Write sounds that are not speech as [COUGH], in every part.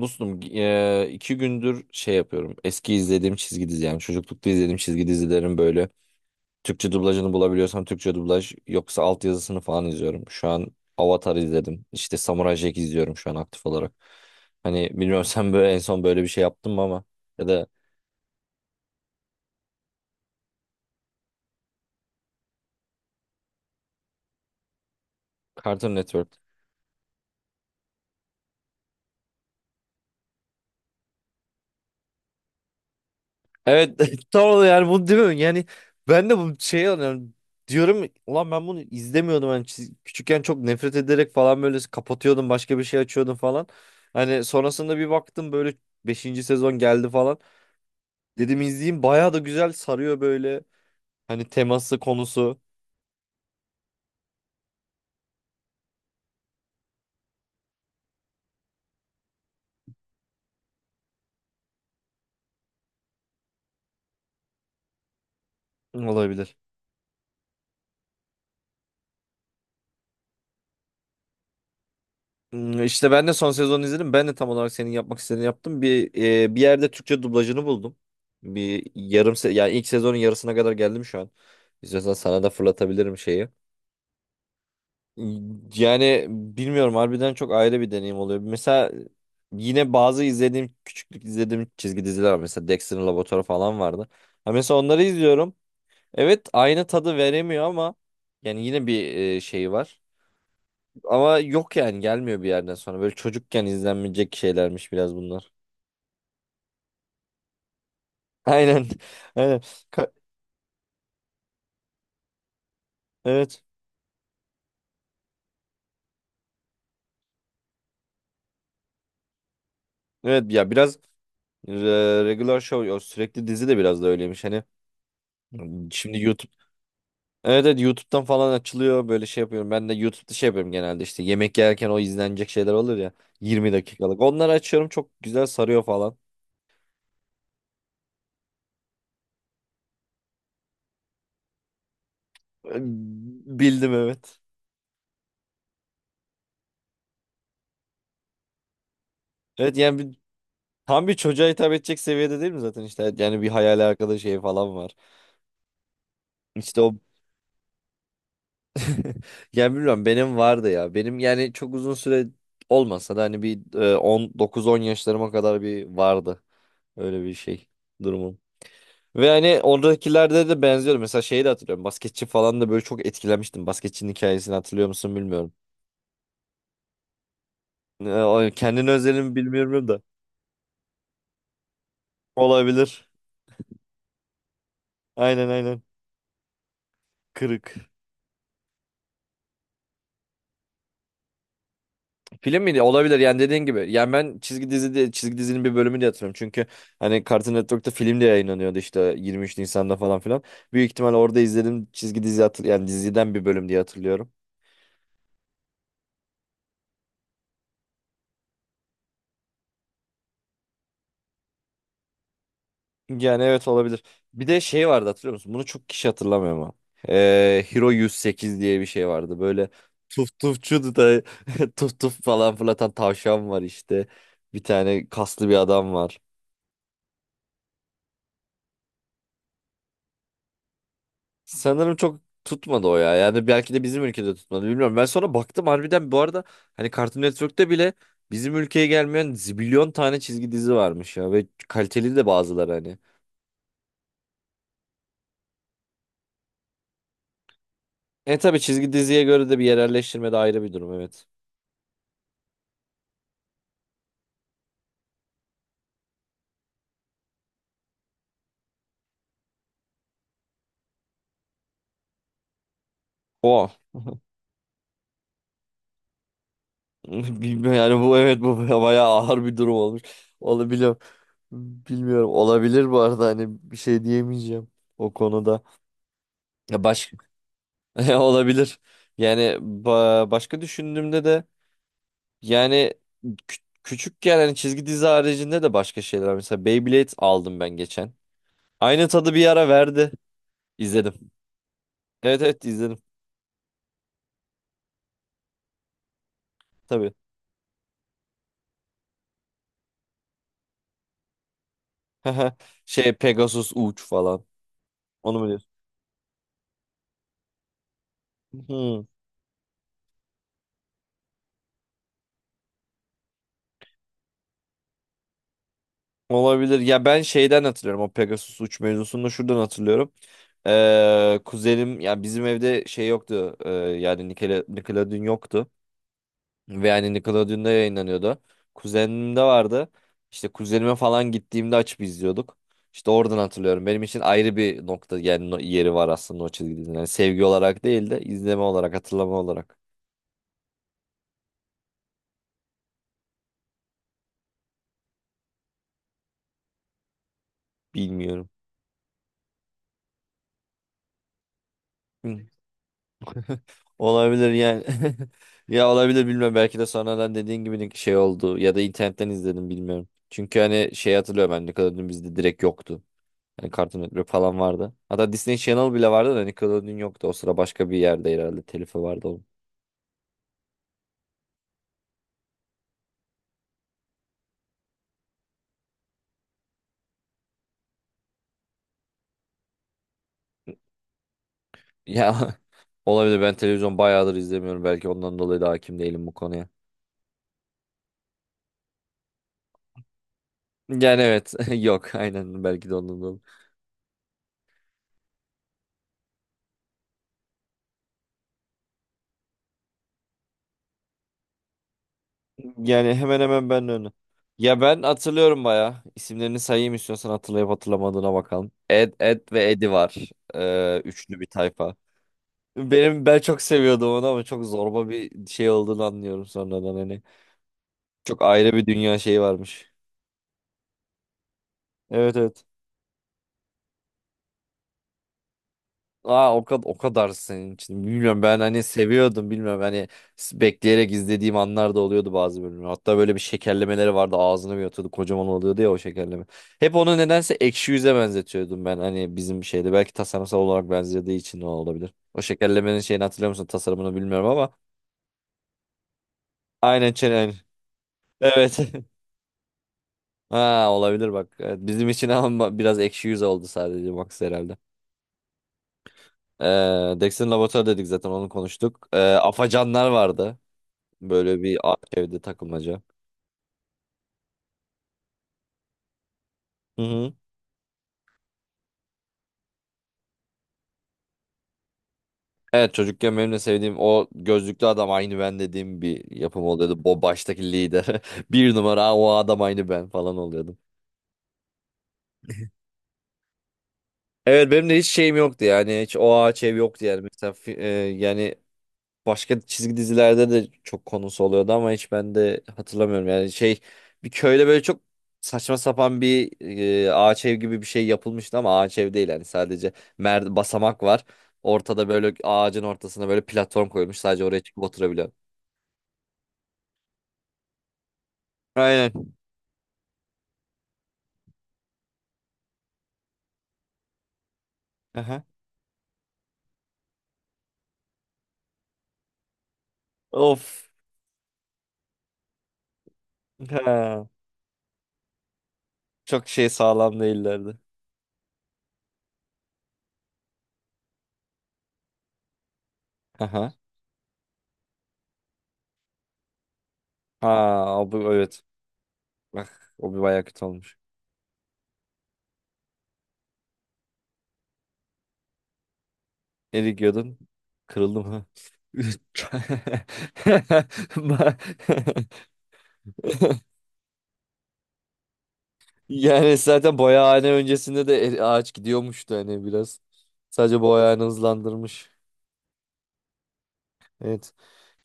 Dostum iki gündür şey yapıyorum. Eski izlediğim çizgi dizi, yani çocuklukta izlediğim çizgi dizilerin böyle Türkçe dublajını bulabiliyorsam, Türkçe dublaj yoksa altyazısını falan izliyorum. Şu an Avatar izledim. İşte Samurai Jack izliyorum şu an aktif olarak. Hani bilmiyorum [LAUGHS] sen böyle en son böyle bir şey yaptın mı, ama ya da Cartoon Network. Evet, [LAUGHS] tam olarak yani bunu demiyorum, yani ben de bu şeyi anlıyorum, diyorum ulan ben bunu izlemiyordum, hani küçükken çok nefret ederek falan böyle kapatıyordum, başka bir şey açıyordum falan, hani sonrasında bir baktım böyle beşinci sezon geldi falan, dedim izleyeyim, bayağı da güzel sarıyor böyle, hani teması, konusu. Olabilir. İşte ben de son sezonu izledim. Ben de tam olarak senin yapmak istediğini yaptım. Bir yerde Türkçe dublajını buldum. Bir yarım yani ilk sezonun yarısına kadar geldim şu an. İstiyorsan sana da fırlatabilirim şeyi. Yani bilmiyorum, harbiden çok ayrı bir deneyim oluyor. Mesela yine bazı küçüklük izlediğim çizgi diziler var. Mesela Dexter'ın Laboratuvarı falan vardı. Ha, mesela onları izliyorum. Evet, aynı tadı veremiyor ama yani yine bir şey var. Ama yok, yani gelmiyor bir yerden sonra. Böyle çocukken izlenmeyecek şeylermiş biraz bunlar. [LAUGHS] Aynen. Aynen. Ka- evet. Evet ya, biraz e, regular show, o sürekli dizi de biraz da öyleymiş. Hani şimdi YouTube. Evet, evet, YouTube'dan falan açılıyor, böyle şey yapıyorum. Ben de YouTube'da şey yapıyorum genelde, işte yemek yerken o izlenecek şeyler olur ya, 20 dakikalık. Onları açıyorum, çok güzel sarıyor falan. E, Bildim, evet. Evet, yani tam bir çocuğa hitap edecek seviyede değil mi zaten, işte. Evet, yani bir hayali arkadaş şeyi falan var. İşte o. [LAUGHS] Ya bilmiyorum, benim vardı ya. Benim yani çok uzun süre olmasa da, hani bir 19 10 yaşlarıma kadar bir vardı. Öyle bir şey durumum. Ve hani oradakilerde de benziyordu. Mesela şeyi de hatırlıyorum. Basketçi falan da böyle çok etkilenmiştim. Basketçinin hikayesini hatırlıyor musun, bilmiyorum. Kendine özelimi bilmiyorum da. Olabilir. Aynen, aynen. Kırık. Film miydi? Olabilir yani, dediğin gibi. Yani ben çizgi dizi çizgi dizinin bir bölümünü de hatırlıyorum. Çünkü hani Cartoon Network'ta film de yayınlanıyordu, işte 23 Nisan'da falan filan. Büyük ihtimal orada izledim, çizgi dizi yani diziden bir bölüm diye hatırlıyorum. Yani evet, olabilir. Bir de şey vardı, hatırlıyor musun? Bunu çok kişi hatırlamıyor ama. Hero 108 diye bir şey vardı. Böyle tuf tufçu da [LAUGHS] tuf tuf falan fırlatan tavşan var işte. Bir tane kaslı bir adam var. Sanırım çok tutmadı o ya. Yani belki de bizim ülkede tutmadı, bilmiyorum. Ben sonra baktım harbiden, bu arada, hani Cartoon Network'te bile bizim ülkeye gelmeyen zibilyon tane çizgi dizi varmış ya, ve kaliteli de bazıları, hani. Tabii çizgi diziye göre de bir yerelleştirme de ayrı bir durum, evet. O. [LAUGHS] Bilmiyorum yani, bu evet, bu [LAUGHS] bayağı ağır bir durum olmuş. Olabilir. Bilmiyorum. Olabilir bu arada, hani bir şey diyemeyeceğim o konuda. Ya [LAUGHS] olabilir. Yani başka düşündüğümde de. Yani kü- küçükken hani çizgi dizi haricinde de başka şeyler var. Mesela Beyblade aldım ben geçen. Aynı tadı bir ara verdi. İzledim. Evet, evet, izledim. Tabii. [LAUGHS] Şey, Pegasus Uç falan. Onu mu diyorsun? Hmm, olabilir. Ya ben şeyden hatırlıyorum. O Pegasus Uç mevzusunu da şuradan hatırlıyorum. Kuzenim, yani bizim evde şey yoktu. Yani Nickelodeon yoktu. Ve yani Nickelodeon'da yayınlanıyordu. Kuzenimde vardı. İşte kuzenime falan gittiğimde açıp izliyorduk. İşte oradan hatırlıyorum. Benim için ayrı bir nokta, yani yeri var aslında o çizgi. Yani sevgi olarak değil de izleme olarak, hatırlama olarak. Bilmiyorum. Hı. Olabilir yani. [LAUGHS] Ya olabilir, bilmiyorum. Belki de sonradan dediğin gibi şey oldu. Ya da internetten izledim, bilmiyorum. Çünkü hani şey hatırlıyorum, ben Nickelodeon bizde direkt yoktu. Hani Cartoon Network falan vardı. Hatta Disney Channel bile vardı da Nickelodeon yoktu. O sıra başka bir yerde herhalde telifi vardı. Ya [LAUGHS] olabilir, ben televizyon bayağıdır izlemiyorum. Belki ondan dolayı da hakim değilim bu konuya. Yani evet, [LAUGHS] yok aynen, belki de ondan dolayı. Yani hemen hemen ben de öyle. Ya ben hatırlıyorum bayağı. İsimlerini sayayım istiyorsan, hatırlayıp hatırlamadığına bakalım. Ed, Ed ve Eddie var. Üçlü bir tayfa. Ben çok seviyordum onu ama çok zorba bir şey olduğunu anlıyorum sonradan, hani. Çok ayrı bir dünya şeyi varmış. Evet, evet. Aa, o kadar, o kadar senin için. Bilmiyorum, ben hani seviyordum, bilmiyorum, hani bekleyerek izlediğim anlar da oluyordu bazı bölümler. Hatta böyle bir şekerlemeleri vardı, ağzını bir atıyordu kocaman oluyordu ya o şekerleme. Hep onu nedense ekşi yüze benzetiyordum ben, hani bizim şeyde belki tasarımsal olarak benzediği için o olabilir. O şekerlemenin şeyini hatırlıyor musun, tasarımını bilmiyorum ama, aynen çenen. Evet. [LAUGHS] Ha, olabilir bak. Evet, bizim için ama biraz ekşi yüz oldu sadece Max herhalde. Dex'in laboratuvarı dedik, zaten onu konuştuk. Afacanlar vardı. Böyle bir evde takılmaca. Hı hı. Evet, çocukken benim de sevdiğim o gözlüklü adam aynı ben dediğim bir yapım oluyordu. O baştaki lider. [LAUGHS] Bir numara. "Aa, o adam aynı ben" falan oluyordum. Evet, benim de hiç şeyim yoktu yani. Hiç o ağaç ev yoktu yani. Mesela yani başka çizgi dizilerde de çok konusu oluyordu ama hiç ben de hatırlamıyorum. Yani şey, bir köyde böyle çok saçma sapan bir ağaç ev gibi bir şey yapılmıştı ama ağaç ev değil yani, sadece basamak var. Ortada böyle ağacın ortasına böyle platform koyulmuş, sadece oraya çıkıp oturabiliyor. Aynen. Aha. Of. Ha. Çok şey sağlam değillerdi. Aha. Ha, o bu, evet. Bak, o bir bayağı kötü olmuş. Erik yodun kırıldı mı? [LAUGHS] Yani zaten boyahane öncesinde de ağaç gidiyormuştu hani, biraz. Sadece boyahane hızlandırmış. Evet.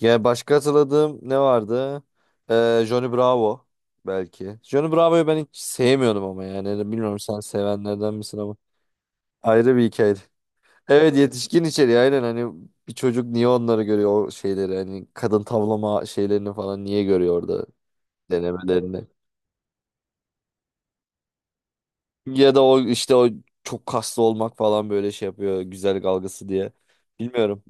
Yani başka hatırladığım ne vardı? Johnny Bravo belki. Johnny Bravo'yu ben hiç sevmiyordum ama, yani. Hani bilmiyorum, sen sevenlerden misin ama. Ayrı bir hikayeydi. Evet, yetişkin içeriği aynen, hani bir çocuk niye onları görüyor, o şeyleri, hani kadın tavlama şeylerini falan niye görüyor orada, denemelerini. Ya da o işte o çok kaslı olmak falan, böyle şey yapıyor, güzellik algısı diye. Bilmiyorum.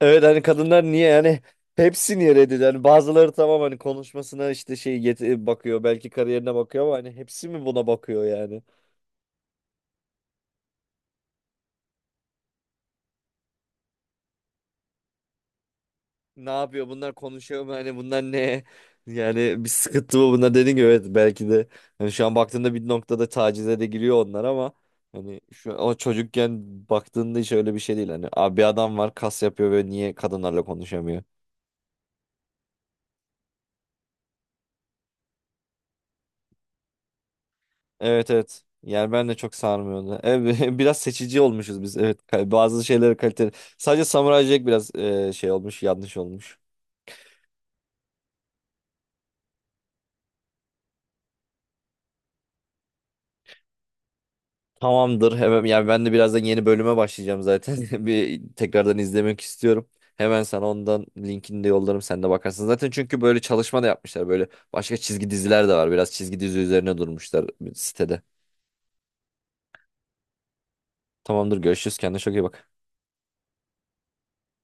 Evet, hani kadınlar niye yani hepsini reddediyor? Yani bazıları tamam, hani konuşmasına işte şey bakıyor, belki kariyerine bakıyor, ama hani hepsi mi buna bakıyor yani? Ne yapıyor bunlar, konuşuyor mu, hani bunlar ne? Yani bir sıkıntı mı bunlar, dediğin gibi, evet, belki de hani şu an baktığında bir noktada tacize de giriyor onlar, ama hani şu, o çocukken baktığında hiç öyle bir şey değil, hani abi bir adam var, kas yapıyor ve niye kadınlarla konuşamıyor? Evet, evet. Yani ben de çok sarmıyordu. Evet, [LAUGHS] biraz seçici olmuşuz biz. Evet, bazı şeyleri kaliteli. Sadece Samuray Jack biraz şey olmuş, yanlış olmuş. Tamamdır. Hemen, yani ben de birazdan yeni bölüme başlayacağım zaten. [LAUGHS] Bir tekrardan izlemek istiyorum. Hemen sana ondan linkini de yollarım. Sen de bakarsın. Zaten çünkü böyle çalışma da yapmışlar. Böyle başka çizgi diziler de var. Biraz çizgi dizi üzerine durmuşlar sitede. Tamamdır. Görüşürüz. Kendine çok iyi bak.